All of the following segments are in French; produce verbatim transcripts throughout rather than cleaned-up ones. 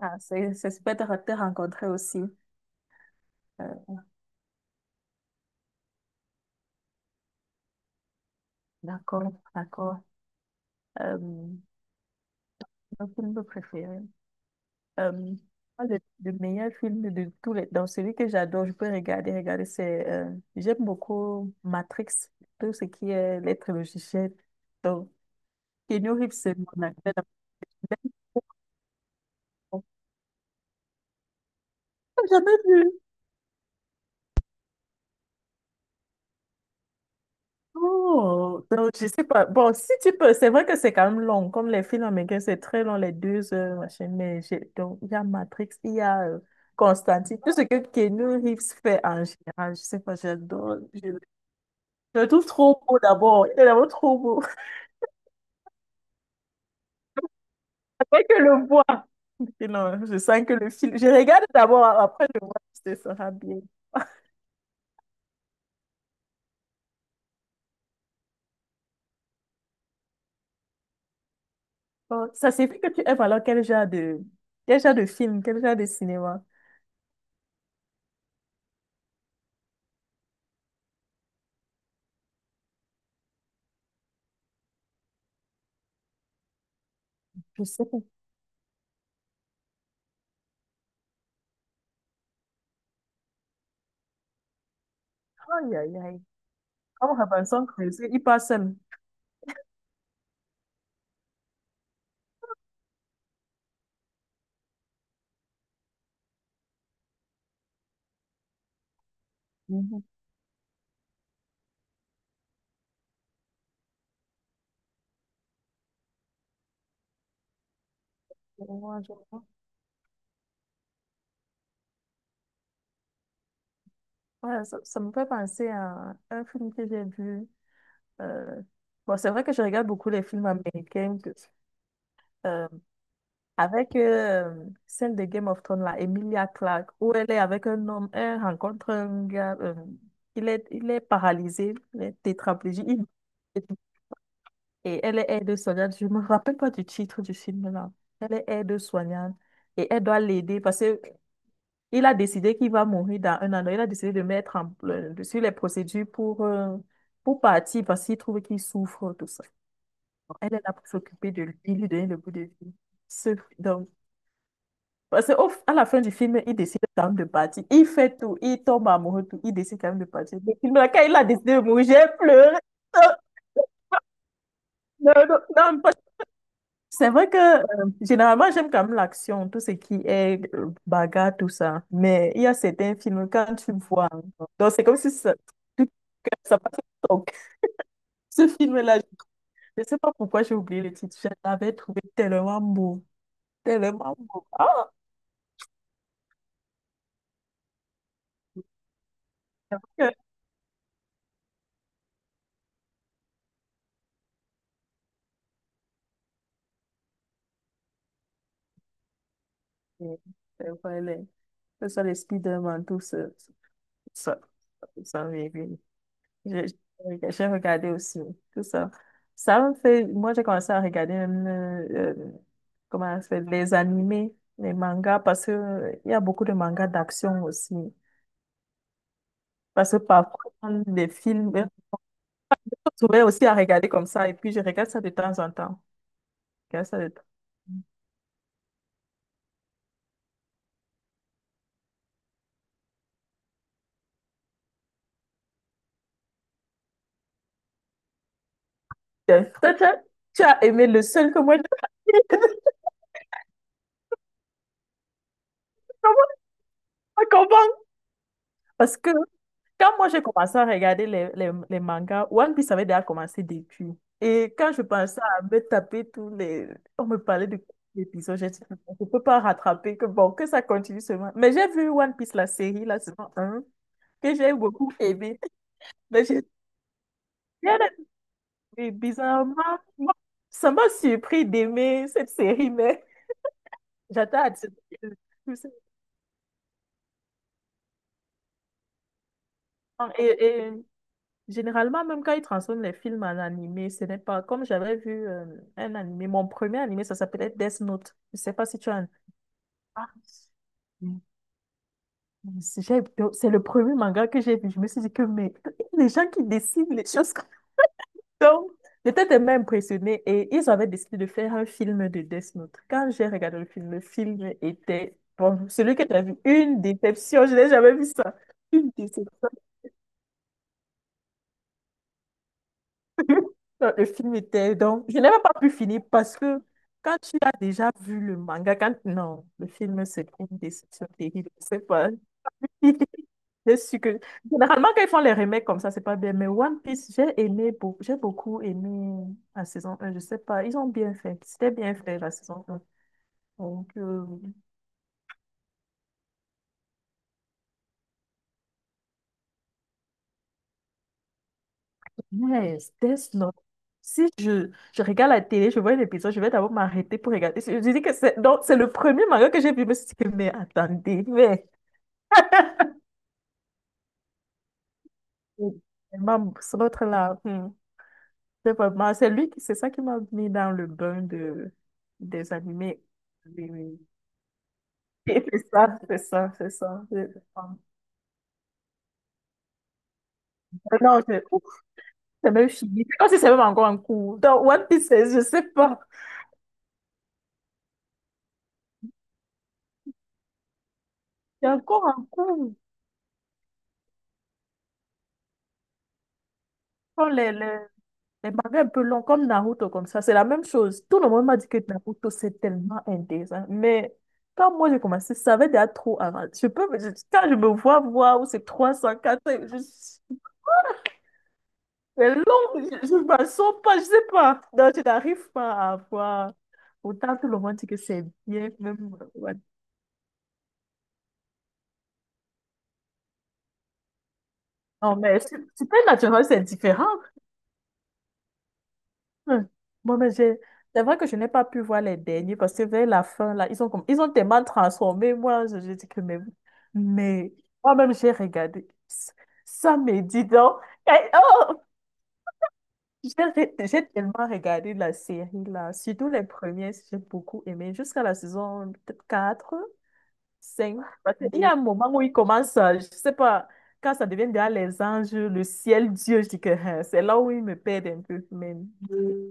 Ah, c'est c'est super de re- te rencontrer aussi. Euh, d'accord, d'accord. Euh, mon film préféré. Euh, Moi, le, le meilleur film de tous les. Donc, celui que j'adore, je peux regarder, regarder, c'est, euh, j'aime beaucoup Matrix, tout ce qui est les trilogies. J'ai- Donc, Keanu Reeves, c'est mon acteur. J'ai jamais vu. Oh, donc je sais pas. Bon, si tu peux, c'est vrai que c'est quand même long, comme les films américains, c'est très long, les deux heures, machin, mais j'ai- donc il y a Matrix, il y a euh, Constantine, tout ce que Keanu Reeves fait en général, je sais pas, j'adore, je, je le trouve trop beau d'abord, il est d'abord trop beau, après que le voir. Et non, je sens que le film, je regarde d'abord, après je vois si ce sera bien. Bon, ça signifie que tu aimes alors quel genre de, quel genre de film, quel genre de cinéma, je sais pas, aïe aïe aïe, comme Robinson Crusoe, il passe seul. Mhm. Je vois, je vois. Ouais, ça, ça me fait penser à un film que j'ai vu. euh, Bon, c'est vrai que je regarde beaucoup les films américains que- euh, avec euh, celle de Game of Thrones, là, Emilia Clarke, où elle est avec un homme, elle rencontre un gars, euh, il est, il est paralysé, il est tétraplégique, il- et elle est aide-soignante. Je me rappelle pas du titre du film, là. Elle est aide-soignante et elle doit l'aider parce que il a décidé qu'il va mourir dans un an. Il a décidé de mettre en, le- sur les procédures pour, euh, pour partir parce qu'il trouve qu'il souffre, tout ça. Elle est là pour s'occuper de lui, lui donner le bout de vie. Ce- donc, parce qu'à la fin du film, il décide quand même de partir. Il fait tout, il tombe amoureux, tout. Il décide quand même de partir. Le film, là, quand il a décidé de mourir, j'ai pleuré. Non, non, non, non, pas- c'est vrai que euh, généralement, j'aime quand même l'action, tout ce qui est euh, bagarre, tout ça. Mais il y a certains films, quand tu vois, hein, donc c'est comme si ça. Ça passe au TikTok. Ce film-là, je ne sais pas pourquoi j'ai oublié le titre. Je l'avais trouvé tellement beau. Tellement beau. Ah, c'est vrai que- c'est vrai, les- que ce soit les Spider-Man, tout ça. Tout ça, tout ça, oui, oui. Je- je- J'ai regardé aussi, tout ça. Ça me fait. Moi, j'ai commencé à regarder même, euh, euh, comment ça s'appelle, les animés, les mangas, parce que euh, il y a beaucoup de mangas d'action aussi. Parce que parfois, dans les films, je vais aussi à regarder comme ça et puis je regarde ça de temps en temps. Je regarde ça de temps. Tiens, toi, toi, tu as aimé le seul que moi je. Comment ça commence? Parce que quand moi j'ai commencé à regarder les, les, les mangas, One Piece avait déjà commencé depuis. Et quand je pensais à me taper tous les. On me parlait de l'épisode, j'ai dit, je ne peux pas rattraper, que bon, que ça continue seulement. Mais j'ai vu One Piece, la série, la saison un que j'ai beaucoup aimé. Mais j'ai bien aimé. Bizarrement, moi, ça m'a surpris d'aimer cette série, mais j'attends à dire- Et, et généralement, même quand ils transforment les films en animé, ce n'est pas comme j'avais vu euh, un animé. Mon premier animé, ça s'appelait Death Note. Je ne sais pas si tu as. Ah, mais- mais c'est j'ai- c'est le premier manga que j'ai vu. Je me suis dit que, mais les gens qui décident les choses. Donc, j'étais tellement impressionnée et ils avaient décidé de faire un film de Death Note. Quand j'ai regardé le film, le film était, bon, celui que tu as vu, une déception. Je n'ai jamais vu ça. Une déception. Non, le film était, donc, je n'avais pas pu finir parce que quand tu as déjà vu le manga, quand, non, le film, c'est une déception terrible. Je sais pas. Je suis que. Généralement, quand ils font les remakes comme ça, c'est pas bien. Mais One Piece, j'ai aimé, beau- j'ai beaucoup aimé la saison un. Je sais pas, ils ont bien fait. C'était bien fait, la saison un. Donc, euh, yes, Death Note. Si je, je regarde la télé, je vois un épisode, je vais d'abord m'arrêter pour regarder. Je dis que c'est donc, c'est le premier manga que j'ai vu. Je me suis dit, que, mais attendez, mais. Vraiment, c'est l'autre là, hmm, c'est vraiment. C'est lui qui. C'est ça qui m'a mis dans le bain de, des animés. Oui, oui. C'est c'est ça, c'est ça, c'est ça. C'est ça. Non, je- ouf, c'est même fini. Comme si c'est même encore en cours. Dans One Piece, c'est- je sais pas. C'est encore en cours. Quand les, les, les mangas un peu longs, comme Naruto, comme ça, c'est la même chose. Tout le monde m'a dit que Naruto, c'est tellement intéressant. Mais quand moi j'ai commencé, ça avait déjà trop avant. Je peux, je- quand je me vois voir où c'est trois cent, quatre cents, je- c'est long, je ne m'en sors pas, je sais pas. Donc je n'arrive pas à voir. Autant tout le monde dit que c'est bien, même. Ouais. Non, mais su- Supernatural, c'est différent. Hum. Moi, mais j'ai. C'est vrai que je n'ai pas pu voir les derniers parce que vers la fin, là, ils ont, comme... ils ont tellement transformé. Moi, je, je dis que mais. Mais moi-même, j'ai regardé. Ça me dit donc. Eh, oh. J'ai ré- j'ai tellement regardé la série, là. Surtout les premiers, j'ai beaucoup aimé. Jusqu'à la saison peut-être quatre. Cinq. Parce que il y a un moment où il commence, à- je sais pas, quand ça devient derrière les anges, le ciel, Dieu, je dis que hein, c'est là où il me perd un peu. Mais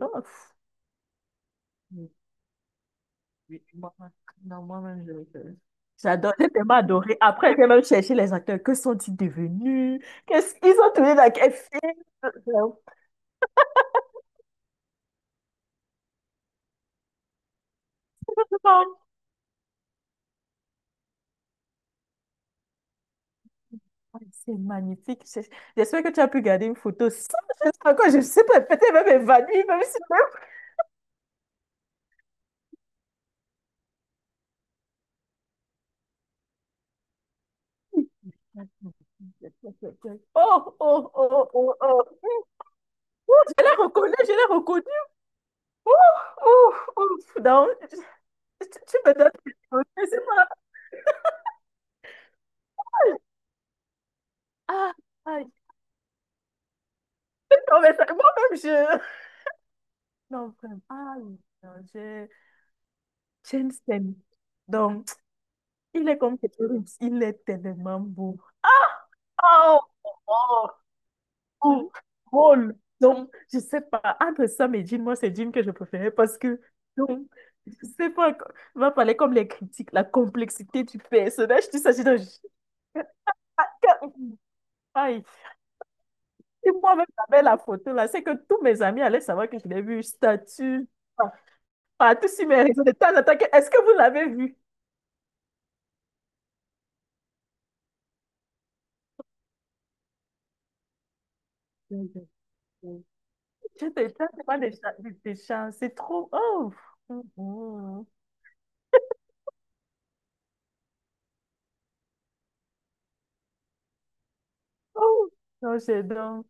oh, pff, oui, oui, moi-même, non, moi-même, je- je- j'adore, j'ai tellement adoré. Après, j'ai même cherché les acteurs. Que sont-ils devenus? Qu'est-ce qu'ils ont tourné dans quel film? Vraiment, ouais, c'est magnifique. J'ai- J'espère que tu as pu garder une photo sans geste encore. Je sais pas, peut-être même évanouie, même si. Oh, oh, oh, oh, oh. Ouh, je l'ai reconnu, je l'ai reconnu. Oh, oh, oh. Non, je- tu, tu me donnes des choses, c'est pas. Ah, aïe. Non, mais ça- moi-même, je. Non, vraiment, aïe. Non, je. Jensen. Donc, il est comme Keterimps, il est tellement beau. Oh, oh, oh. Oh, drôle. Donc, je sais pas, entre Sam et Jean, moi, c'est Jean que je préférais parce que, donc, je sais pas, qu- on va parler comme les critiques, la complexité du personnage, tout ça, j'ai dit, je- aïe. Et moi-même, j'avais la photo là, c'est que tous mes amis allaient savoir que je l'ai vu, statut, par- partout sur mes réseaux, de temps en temps, que, est-ce que vous l'avez vu? J'étais tellement des c'est trop, oh, oh oh, non, j'adore.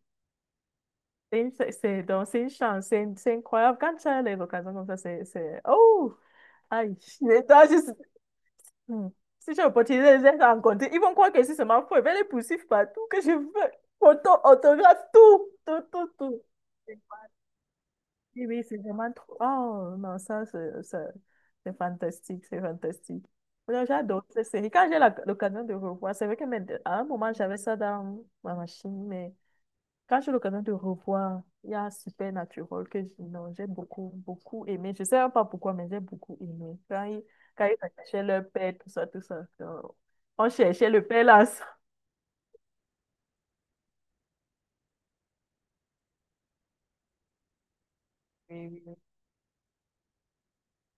C'est une- c'est, c'est- donc, c'est une chance, c'est une- c'est incroyable. Quand tu as les vocations comme ça, c'est... c'est- Oh! Aïe! Les gens, juste. Hmm. Si j'ai l'opportunité de les rencontrer, ils vont croire que si c'est ma faux. Ils vont les poursuivre partout, que je veux. Photo, autographe, tout! Tout, tout, tout. Oui, oui, c'est vraiment trop. Oh, non, ça, c'est ça- c'est fantastique, c'est fantastique. Non, j'adore cette série. Quand j'ai la- l'occasion de revoir, c'est vrai que mais, à un moment, j'avais ça dans ma machine, mais. Quand j'ai l'occasion de revoir, il y a Supernatural que j- non, j'ai beaucoup, beaucoup aimé. Je sais même pas pourquoi, mais j'ai beaucoup aimé. Quand ils, quand ils attachaient leur père, tout ça, tout ça. euh, On cherchait le père là. Ça. Oui, oui, oui.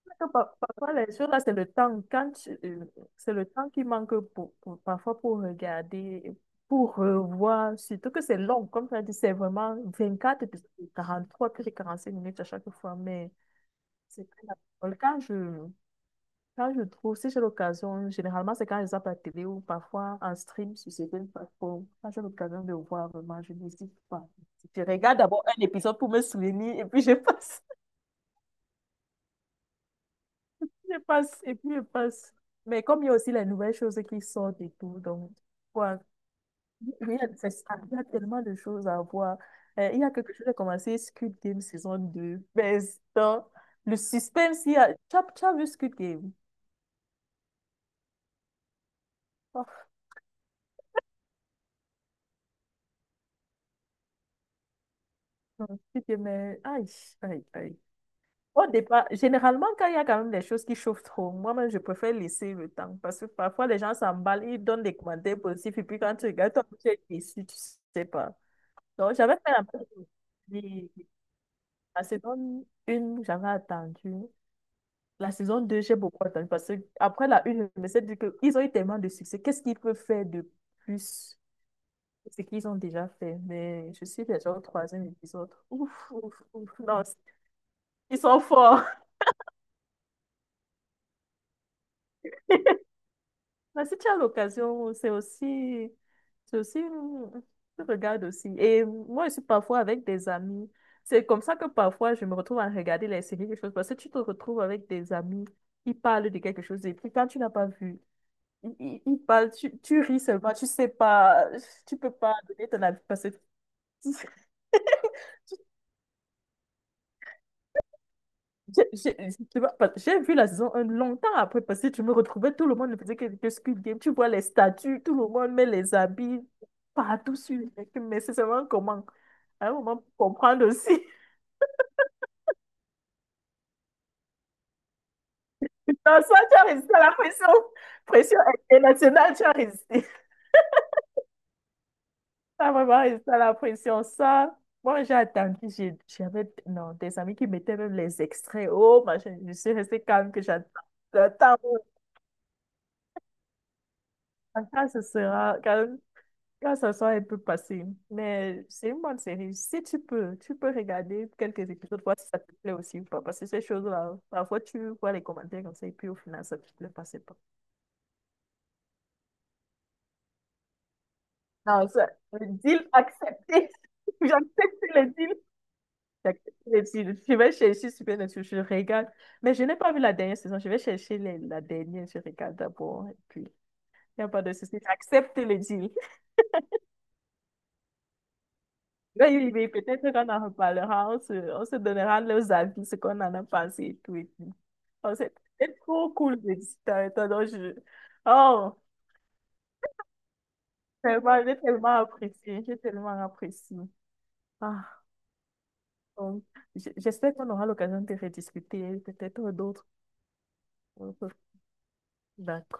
Parce que par- parfois, les choses là, c'est le temps. Quand tu- euh, c'est le temps qui manque pour, pour- parfois pour regarder, pour revoir, surtout que c'est long. Comme tu as dit, c'est vraiment vingt-quatre épisodes, trois puis quarante-cinq minutes à chaque fois. Mais c'est très naturel. quand je, Quand je trouve, si j'ai l'occasion, généralement c'est quand je zappe la télé ou parfois en stream sur certaines plateformes. Quand j'ai l'occasion de le voir vraiment, je ne dis pas. Je regarde d'abord un épisode pour me souvenir et puis je passe, je passe, et puis je passe. Mais comme il y a aussi les nouvelles choses qui sortent et tout, donc, quoi, il y a, c'est ça, il y a tellement de choses à voir. Euh, il y a quelque chose, j'ai commencé Squid Game saison deux mais dans le suspense, il y a, tu as, tu as vu Squid Game? Oh, non, Squid Game, mais aïe, aïe, aïe. Au départ, généralement, quand il y a quand même des choses qui chauffent trop, moi-même, je préfère laisser le temps parce que parfois, les gens s'emballent, ils donnent des commentaires positifs et puis quand tu regardes, toi, tu es déçu, tu sais pas. Donc, j'avais fait la même chose. Et la saison un, j'avais attendu. La saison deux j'ai beaucoup attendu parce que après la une je me suis dit qu'ils ont eu tellement de succès. Qu'est-ce qu'ils peuvent faire de plus que ce qu'ils ont déjà fait? Mais je suis déjà au troisième épisode. Ouf, ouf, ouf. Non, ils sont forts. Mais si tu as l'occasion, c'est aussi, c'est aussi, une- tu regardes aussi. Et moi, je suis parfois avec des amis. C'est comme ça que parfois, je me retrouve à regarder les séries, quelque chose. Parce que tu te retrouves avec des amis, ils parlent de quelque chose. Et puis, quand tu n'as pas vu, ils, ils- ils parlent, tu, tu ris seulement, tu sais pas, tu peux pas donner ton avis parce que. J'ai j'ai- Tu vois, parce- j'ai vu la saison un longtemps après parce que tu me retrouvais, tout le monde ne faisait que, que Squid Game. Tu vois les statues, tout le monde met les habits partout sur les mecs, mais c'est seulement comment? À un moment, pour comprendre aussi. Non, soit tu as résisté à la pression, pression internationale, tu as résisté. Ça vraiment résisté à la pression. Ça, moi j'ai attendu, j'ai- j'avais non, des amis qui mettaient même les extraits. Oh, machin, je suis restée calme que j'attends. Le temps, où- quand ce sera, quand. Là, ce soir, elle peut passer. Mais c'est une bonne série. Si tu peux, tu peux regarder quelques épisodes, voir si ça te plaît aussi ou pas. Parce que ces choses-là, parfois, tu vois les commentaires comme ça, et puis au final, ça te plaît pas, c'est pas. Non, ça, le deal accepté. J'accepte le deal. J'accepte les titres. Je vais chercher super Netflix, je regarde. Mais je n'ai pas vu la dernière saison. Je vais chercher les- la dernière, je regarde d'abord. Et puis, il n'y a pas de souci. J'accepte le deal. Oui, oui, oui, peut-être qu'on en reparlera, on se, on se donnera nos avis, ce qu'on en a pensé et tout. Et tout. Oh, c'est c'est trop cool de discuter avec toi. Donc je. Oh, tellement, j'ai tellement apprécié, j'ai tellement apprécié. Ah, donc, j- j'espère qu'on aura l'occasion de rediscuter, peut-être d'autres. d'autres- D'accord.